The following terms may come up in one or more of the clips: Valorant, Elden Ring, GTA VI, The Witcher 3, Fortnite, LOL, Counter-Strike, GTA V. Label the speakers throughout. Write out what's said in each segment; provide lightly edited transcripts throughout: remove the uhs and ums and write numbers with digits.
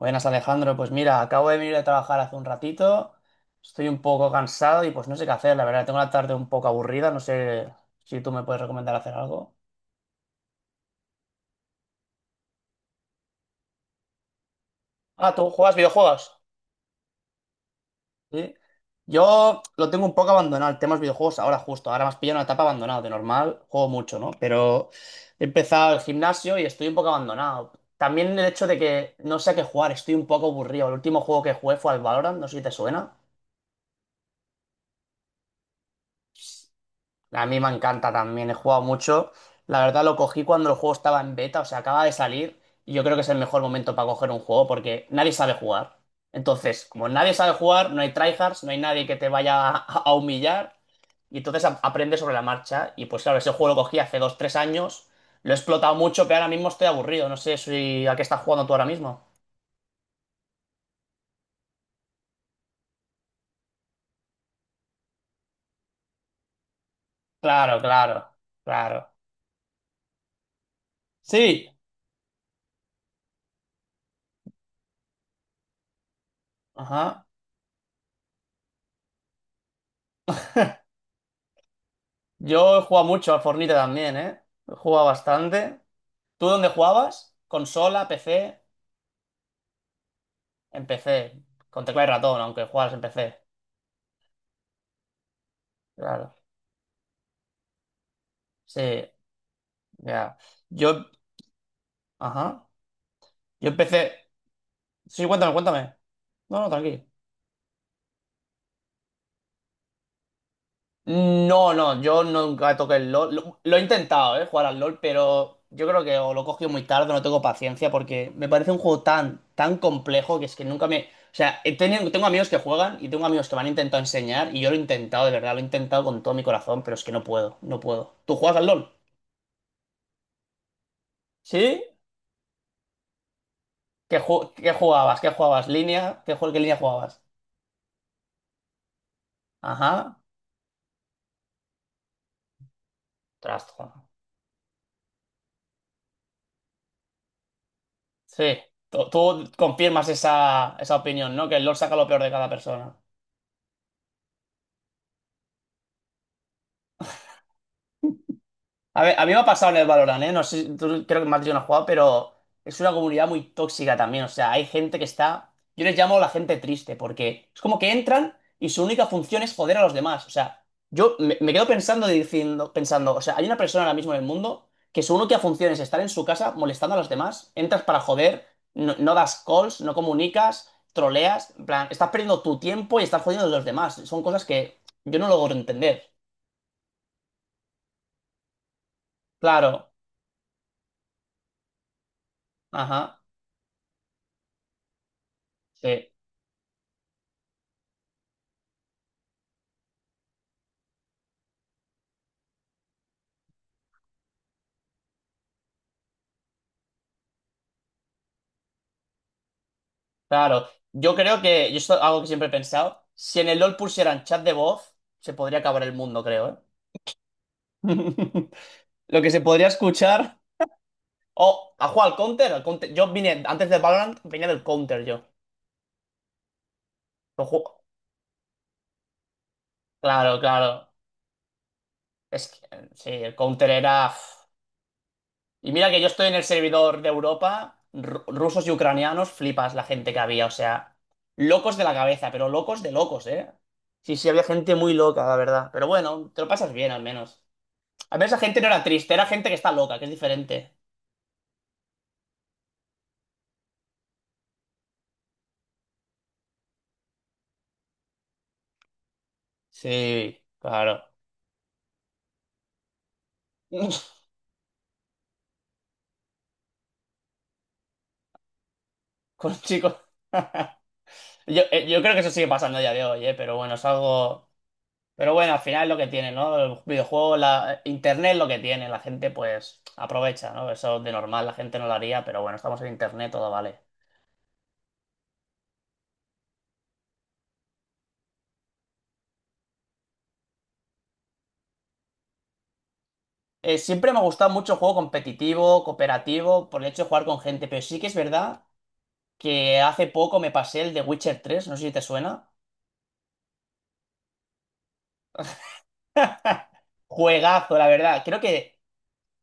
Speaker 1: Buenas Alejandro, pues mira, acabo de venir de trabajar hace un ratito, estoy un poco cansado y pues no sé qué hacer, la verdad, tengo la tarde un poco aburrida, no sé si tú me puedes recomendar hacer algo. Ah, ¿tú juegas videojuegos? Sí. Yo lo tengo un poco abandonado, el tema de los videojuegos ahora justo, ahora más pillo en una etapa abandonado, de normal juego mucho, ¿no? Pero he empezado el gimnasio y estoy un poco abandonado. También el hecho de que no sé a qué jugar, estoy un poco aburrido. El último juego que jugué fue al Valorant, no sé si te suena. A mí me encanta también, he jugado mucho. La verdad lo cogí cuando el juego estaba en beta, o sea, acaba de salir y yo creo que es el mejor momento para coger un juego porque nadie sabe jugar. Entonces, como nadie sabe jugar, no hay tryhards, no hay nadie que te vaya a humillar y entonces aprendes sobre la marcha. Y pues claro, ese juego lo cogí hace 2, 3 años, lo he explotado mucho, pero ahora mismo estoy aburrido, no sé si a qué estás jugando tú ahora mismo. Claro, claro, claro. Sí, ajá. Yo he jugado mucho al Fornite también, ¿eh? He jugado bastante. ¿Tú dónde jugabas? ¿Consola, PC? En PC, con tecla y ratón, aunque juegas en PC. Claro. Sí, ya. Yo, ajá. Yo empecé. Sí, cuéntame, cuéntame. No, no, tranquilo. No, no, yo nunca toqué el LOL. Lo he intentado, jugar al LOL, pero yo creo que o lo he cogido muy tarde, no tengo paciencia, porque me parece un juego tan, tan complejo que es que nunca me. O sea, tengo amigos que juegan y tengo amigos que me han intentado enseñar y yo lo he intentado, de verdad, lo he intentado con todo mi corazón, pero es que no puedo, no puedo. ¿Tú juegas al LOL? ¿Sí? ¿Qué, qué jugabas? ¿Qué jugabas? ¿Línea? ¿Qué, qué línea jugabas? Ajá. Tras, joder. Sí. Tú confirmas esa opinión, ¿no? Que el LoL saca lo peor de cada persona. A ver, a mí me ha pasado en el Valorant, ¿eh? No sé, tú creo que más yo no has jugado, pero es una comunidad muy tóxica también. O sea, hay gente que está. Yo les llamo la gente triste, porque es como que entran y su única función es joder a los demás. O sea, yo me quedo pensando diciendo, pensando, o sea, hay una persona ahora mismo en el mundo que su única función es estar en su casa molestando a los demás. Entras para joder, no, no das calls, no comunicas, troleas. En plan, estás perdiendo tu tiempo y estás jodiendo a los demás. Son cosas que yo no logro entender. Claro. Ajá. Sí. Claro, yo creo que, yo esto es algo que siempre he pensado, si en el LOL pusieran chat de voz, se podría acabar el mundo, creo, ¿eh? Lo que se podría escuchar... Oh, ¿ha jugado al counter? Yo vine, antes del Valorant, venía del counter yo. Lo ju- Claro, claro. Es que, sí, el counter era... Y mira que yo estoy en el servidor de Europa, rusos y ucranianos, flipas la gente que había, o sea, locos de la cabeza, pero locos de locos, ¿eh? Sí, sí, había gente muy loca, la verdad. Pero bueno, te lo pasas bien al menos. A ver, esa gente no era triste, era gente que está loca, que es diferente. Sí, claro. Con chicos. Yo creo que eso sigue pasando a día de hoy, pero bueno, es algo. Pero bueno, al final es lo que tiene, ¿no? El videojuego, la... Internet es lo que tiene, la gente pues aprovecha, ¿no? Eso de normal la gente no lo haría, pero bueno, estamos en Internet, todo vale. Siempre me ha gustado mucho el juego competitivo, cooperativo, por el hecho de jugar con gente, pero sí que es verdad que hace poco me pasé el de Witcher tres, no sé si te suena. Juegazo, la verdad. Creo que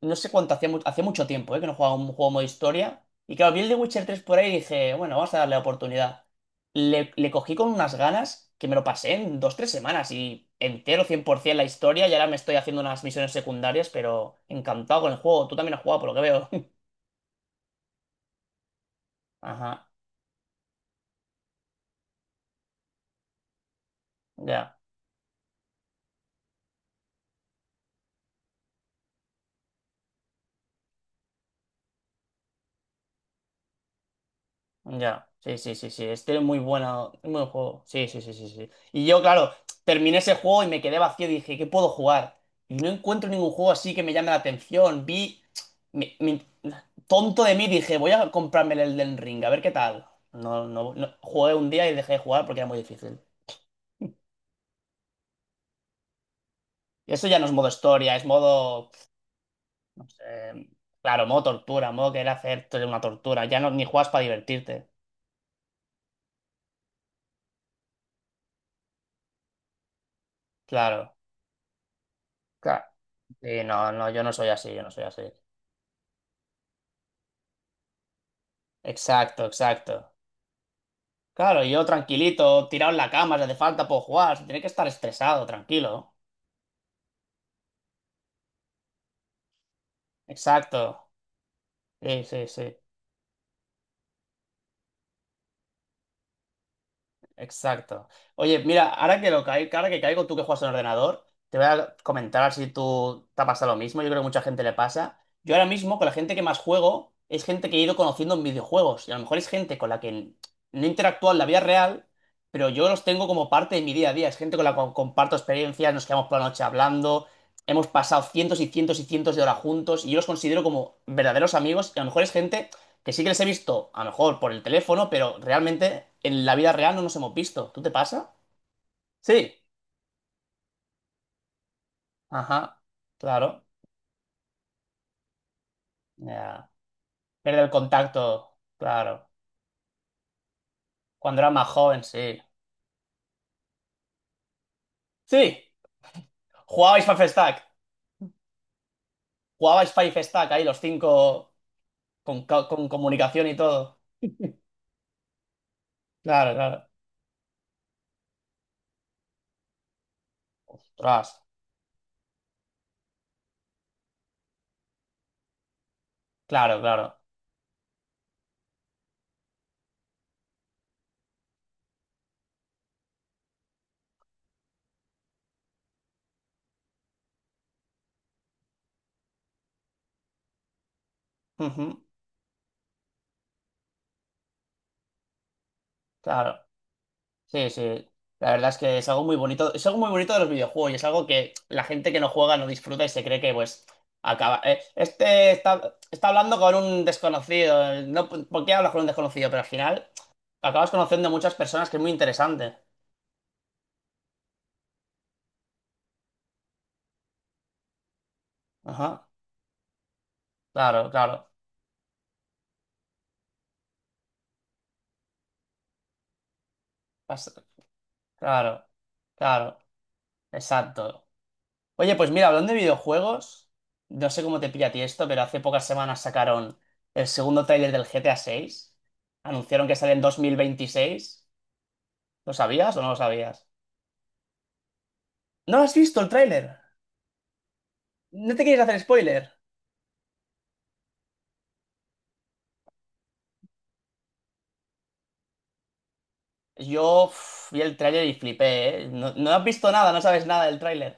Speaker 1: No sé cuánto hacía, hacía mucho tiempo, ¿eh? Que no jugaba un juego modo historia. Y claro, vi el de Witcher tres por ahí y dije, bueno, vamos a darle la oportunidad. Le cogí con unas ganas que me lo pasé en 2, 3 semanas y entero 100% la historia y ahora me estoy haciendo unas misiones secundarias, pero encantado con el juego. Tú también has jugado, por lo que veo. Ajá, ya. Ya, sí, sí, sí, sí. Este es muy bueno, muy buen juego. Sí, sí, sí, sí, sí. Y yo, claro, terminé ese juego y me quedé vacío y dije, ¿qué puedo jugar? Y no encuentro ningún juego así que me llame la atención. Vi, me- me- tonto de mí, dije, voy a comprarme el Elden Ring, a ver qué tal. No, no, no. Jugué un día y dejé de jugar porque era muy difícil. Y eso ya no es modo historia, es modo, pues, eh, claro, modo tortura, modo querer hacerte una tortura. Ya no, ni juegas para divertirte. Claro, claro. Sí, no, no, yo no soy así, yo no soy así. Exacto, exacto. Claro, yo tranquilito, tirado en la cama, si hace falta puedo jugar, sin tener que estar estresado, tranquilo. Exacto. Sí, sí, sí. Exacto. Oye, mira, ahora que caigo, tú que juegas en ordenador, te voy a comentar a ver si tú te pasa lo mismo. Yo creo que mucha gente le pasa. Yo ahora mismo, con la gente que más juego, es gente que he ido conociendo en videojuegos. Y a lo mejor es gente con la que no interactúo en la vida real, pero yo los tengo como parte de mi día a día. Es gente con la que comparto experiencias, nos quedamos por la noche hablando, hemos pasado cientos y cientos y cientos de horas juntos y yo los considero como verdaderos amigos. Y a lo mejor es gente que sí que les he visto, a lo mejor por el teléfono, pero realmente en la vida real no nos hemos visto. ¿Tú te pasa? Sí. Ajá. Claro. Ya. Pierde el contacto. Claro. Cuando era más joven, sí. Sí. Jugabais Five Stack. Jugabais Five Stack ahí los cinco con comunicación y todo. Claro, claro. Ostras. Claro, claro. Ujú. Claro. Sí, sí. La verdad es que es algo muy bonito. Es algo muy bonito de los videojuegos y es algo que la gente que no juega no disfruta y se cree que, pues, acaba. Está hablando con un desconocido. No, ¿por qué hablas con un desconocido? Pero al final acabas conociendo muchas personas que es muy interesante. Ajá. Claro, claro. Pas- Claro, claro. Exacto. Oye, pues mira, hablando de videojuegos, no sé cómo te pilla a ti esto, pero hace pocas semanas sacaron el segundo tráiler del GTA VI. Anunciaron que sale en 2026. ¿Lo sabías o no lo sabías? ¿No has visto el tráiler? ¿No te quieres hacer spoiler? Yo uf, vi el tráiler y flipé, ¿eh? No, no has visto nada, no sabes nada del tráiler.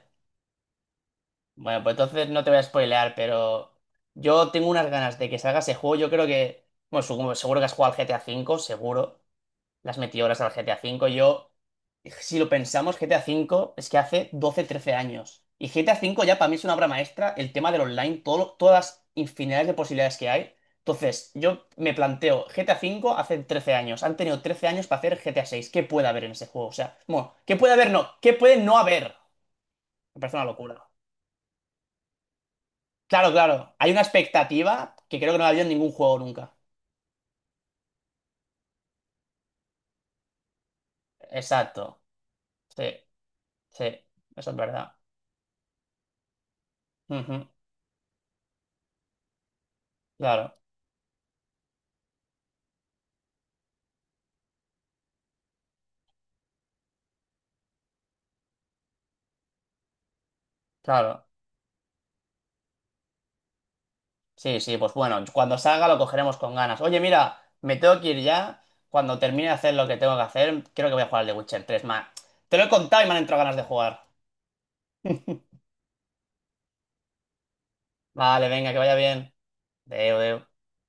Speaker 1: Bueno, pues entonces no te voy a spoilear, pero yo tengo unas ganas de que salga ese juego. Yo creo que, bueno, seguro que has jugado al GTA cinco seguro. Las metí horas al GTA V. Yo, si lo pensamos, GTA V es que hace 12, 13 años. Y GTA V ya para mí es una obra maestra, el tema del online, todo, todas las infinidades de posibilidades que hay. Entonces, yo me planteo, GTA V hace 13 años, han tenido 13 años para hacer GTA VI. ¿Qué puede haber en ese juego? O sea, bueno, ¿qué puede haber? No, ¿qué puede no haber? Me parece una locura. Claro, claro, hay una expectativa que creo que no la había en ningún juego nunca. Exacto, sí, sí, eso es verdad. Ujú. Claro, claro. Sí, sí, pues bueno, cuando salga lo cogeremos con ganas. Oye, mira, me tengo que ir ya. Cuando termine de hacer lo que tengo que hacer, creo que voy a jugar al The Witcher tres. Ma, te lo he contado y me han entrado ganas de jugar. Vale, venga, que vaya bien. Deu, deu.